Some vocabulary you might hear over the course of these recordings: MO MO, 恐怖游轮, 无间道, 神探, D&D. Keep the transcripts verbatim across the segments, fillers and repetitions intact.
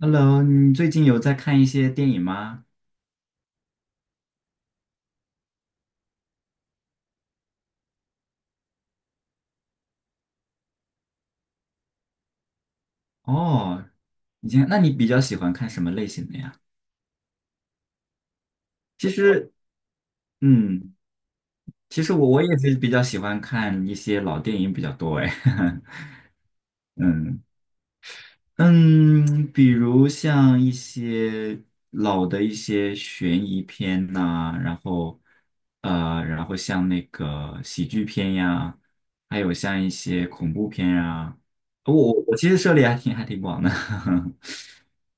Hello，你最近有在看一些电影吗？哦，以前，那你比较喜欢看什么类型的呀？其实，嗯，其实我我也是比较喜欢看一些老电影比较多哎，嗯嗯，比如像一些老的一些悬疑片呐、然后呃，然后像那个喜剧片呀，还有像一些恐怖片呀，我我我其实涉猎还挺还挺广的，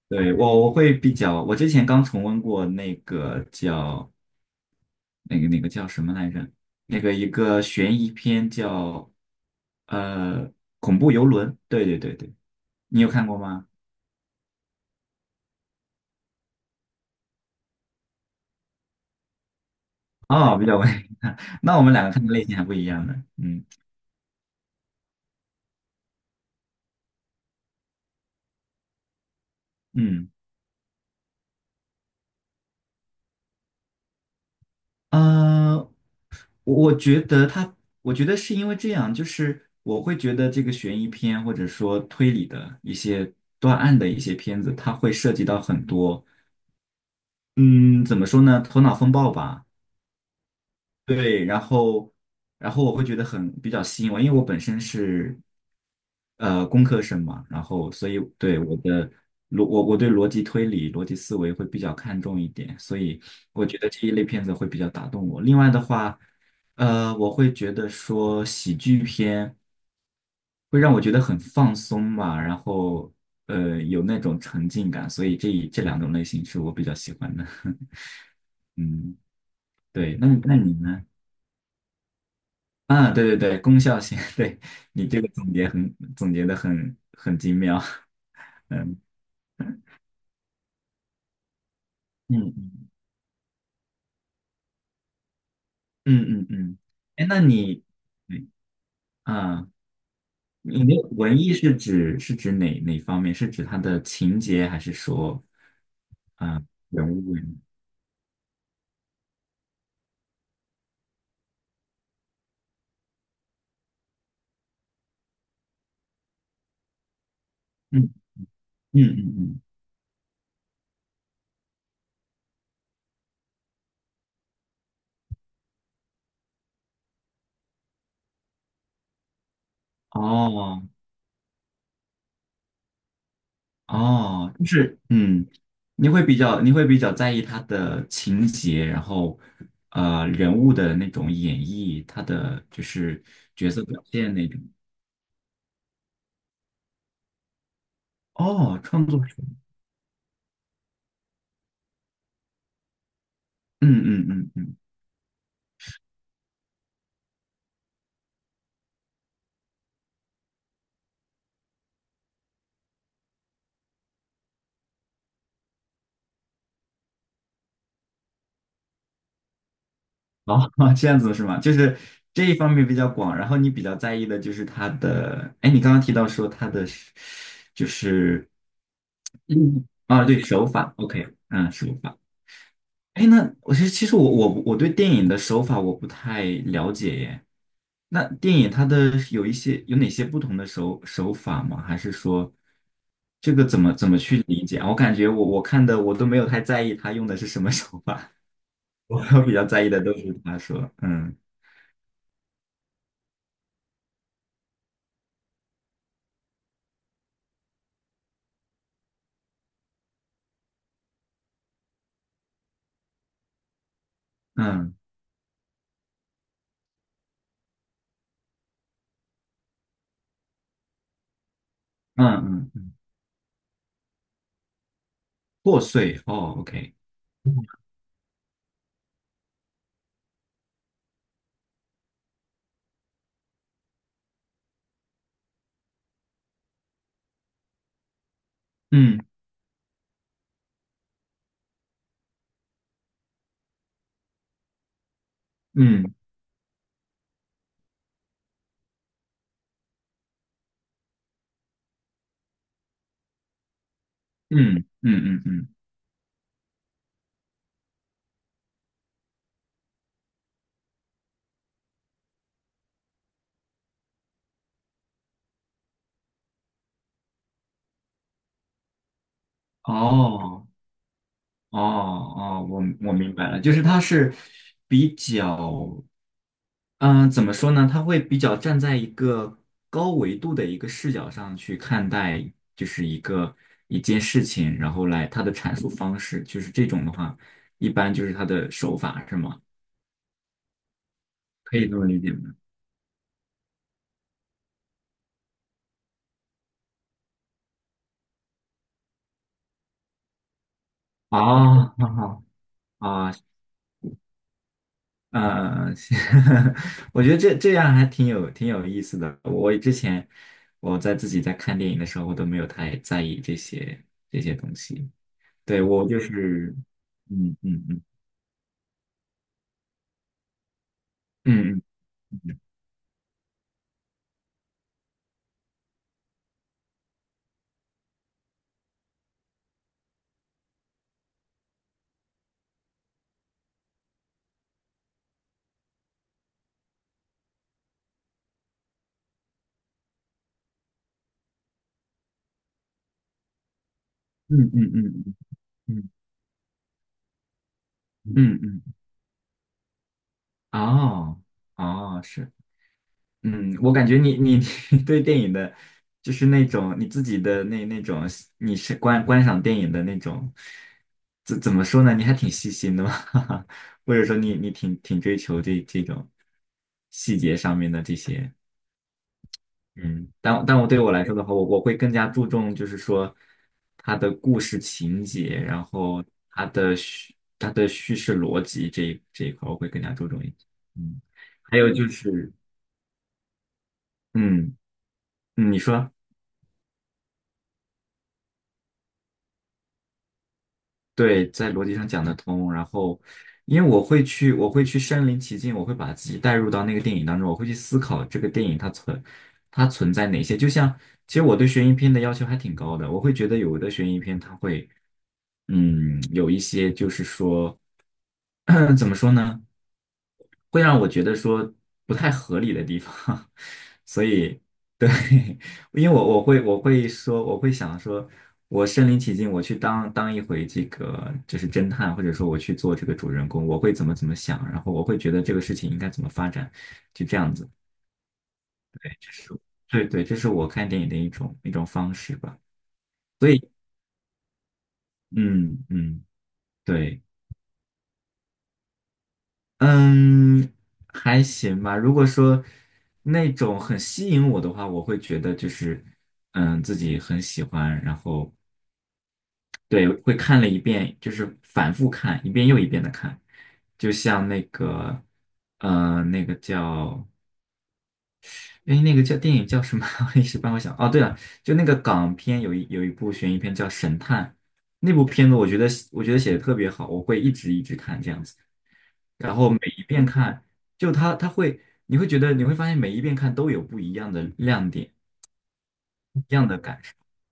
对，我我会比较，我之前刚重温过那个叫那个那个叫什么来着？那个一个悬疑片叫呃恐怖游轮，对对对对，你有看过吗？哦，比较文，那我们两个看的类型还不一样呢。嗯嗯呃，我我觉得他，我觉得是因为这样，就是我会觉得这个悬疑片或者说推理的一些断案的一些片子，它会涉及到很多。嗯，怎么说呢？头脑风暴吧。对，然后，然后我会觉得很比较吸引我，因为我本身是呃工科生嘛，然后所以对我的逻我我对逻辑推理、逻辑思维会比较看重一点，所以我觉得这一类片子会比较打动我。另外的话，呃，我会觉得说喜剧片会让我觉得很放松吧，然后呃有那种沉浸感，所以这这两种类型是我比较喜欢的。嗯，对，那你那你呢？啊，对对对，功效性，对，你这个总结很总结的很很精妙，嗯嗯嗯嗯嗯，嗯，哎，那你，嗯啊，你的文艺是指是指哪哪方面？是指它的情节，还是说啊人物？嗯嗯嗯嗯，哦哦，就是嗯，你会比较你会比较在意它的情节，然后呃人物的那种演绎，他的就是角色表现那种。哦，创作者，嗯嗯嗯嗯，哦，这样子是吗？就是这一方面比较广，然后你比较在意的就是他的，哎，你刚刚提到说他的是就是嗯啊，对，手法，OK，嗯，手法。哎，那我其实其实我我我对电影的手法我不太了解耶。那电影它的有一些有哪些不同的手手法吗？还是说这个怎么怎么去理解啊我感觉我我看的我都没有太在意他用的是什么手法。我比较在意的都是他说，嗯嗯嗯嗯，破碎哦，OK，嗯嗯嗯嗯嗯嗯，哦哦哦，我我明白了，就是他是比较，嗯、怎么说呢？他会比较站在一个高维度的一个视角上去看待，就是一个一件事情，然后来他的阐述方式，就是这种的话，一般就是他的手法是吗？可以这么理解吗？啊，好好啊，嗯，是 我觉得这这样还挺有挺有意思的。我之前我在自己在看电影的时候，我都没有太在意这些这些东西。对，我就是，嗯嗯嗯嗯嗯嗯嗯嗯嗯嗯嗯，嗯哦哦，是。嗯，我感觉你你 你对电影的，就是那种你自己的那那种，你是观观赏电影的那种，怎怎么说呢？你还挺细心的嘛，或者说你你挺挺追求这这种细节上面的这些，嗯，但但我对我来说的话，我我会更加注重就是说它的故事情节，然后它的叙它的叙事逻辑这一这一块我会更加注重一些，嗯，还有就是嗯嗯，你说。对，在逻辑上讲得通。然后，因为我会去，我会去身临其境，我会把自己带入到那个电影当中，我会去思考这个电影它存它存在哪些。就像，其实我对悬疑片的要求还挺高的，我会觉得有的悬疑片它会，嗯，有一些就是说，怎么说呢？会让我觉得说不太合理的地方，所以对，因为我我会我会说我会想说，我身临其境，我去当当一回这个就是侦探，或者说我去做这个主人公，我会怎么怎么想，然后我会觉得这个事情应该怎么发展，就这样子，这是对对，这是我看电影的一种一种方式吧，所以嗯嗯对。嗯，还行吧。如果说那种很吸引我的话，我会觉得就是，嗯，自己很喜欢，然后对，会看了一遍，就是反复看，一遍又一遍的看。就像那个，呃，那个叫，哎，那个叫电影叫什么？我一时半会想。哦，对了，就那个港片有一有一部悬疑片叫《神探》，那部片子我觉得我觉得写的特别好，我会一直一直看这样子。然后每一遍看，就它它会，你会觉得你会发现每一遍看都有不一样的亮点。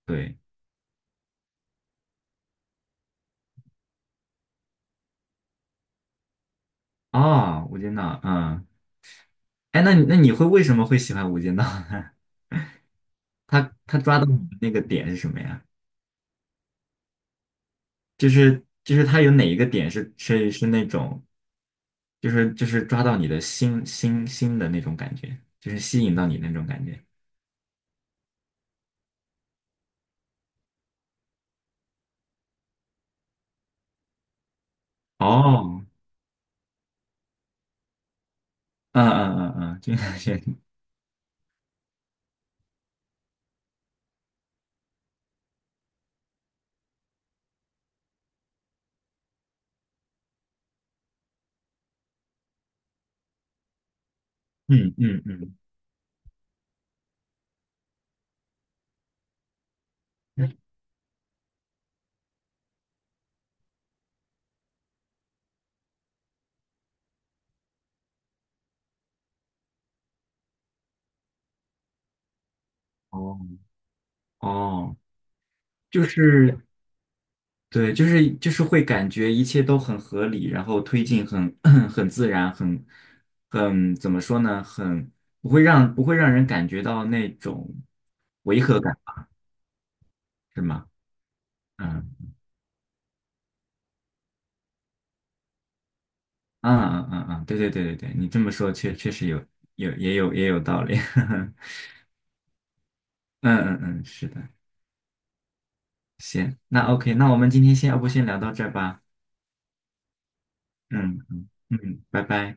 对啊，无间道，嗯，哎，那你那你会为什么会喜欢无间道呢？他他抓到你的那个点是什么呀？就是就是他有哪一个点是是是那种，就是就是抓到你的心心心的那种感觉，就是吸引到你那种感觉。哦，嗯嗯嗯嗯，这个感觉嗯嗯嗯，哦哦，就是。对，就是就是会感觉一切都很合理，然后推进很 很自然，很很怎么说呢？很不会让不会让人感觉到那种违和感，是吗？嗯嗯嗯嗯嗯，对对对对对，你这么说确确实有有也有也有道理。嗯嗯嗯，是的，行，那 OK，那我们今天先要不先聊到这儿吧？嗯嗯嗯，拜拜。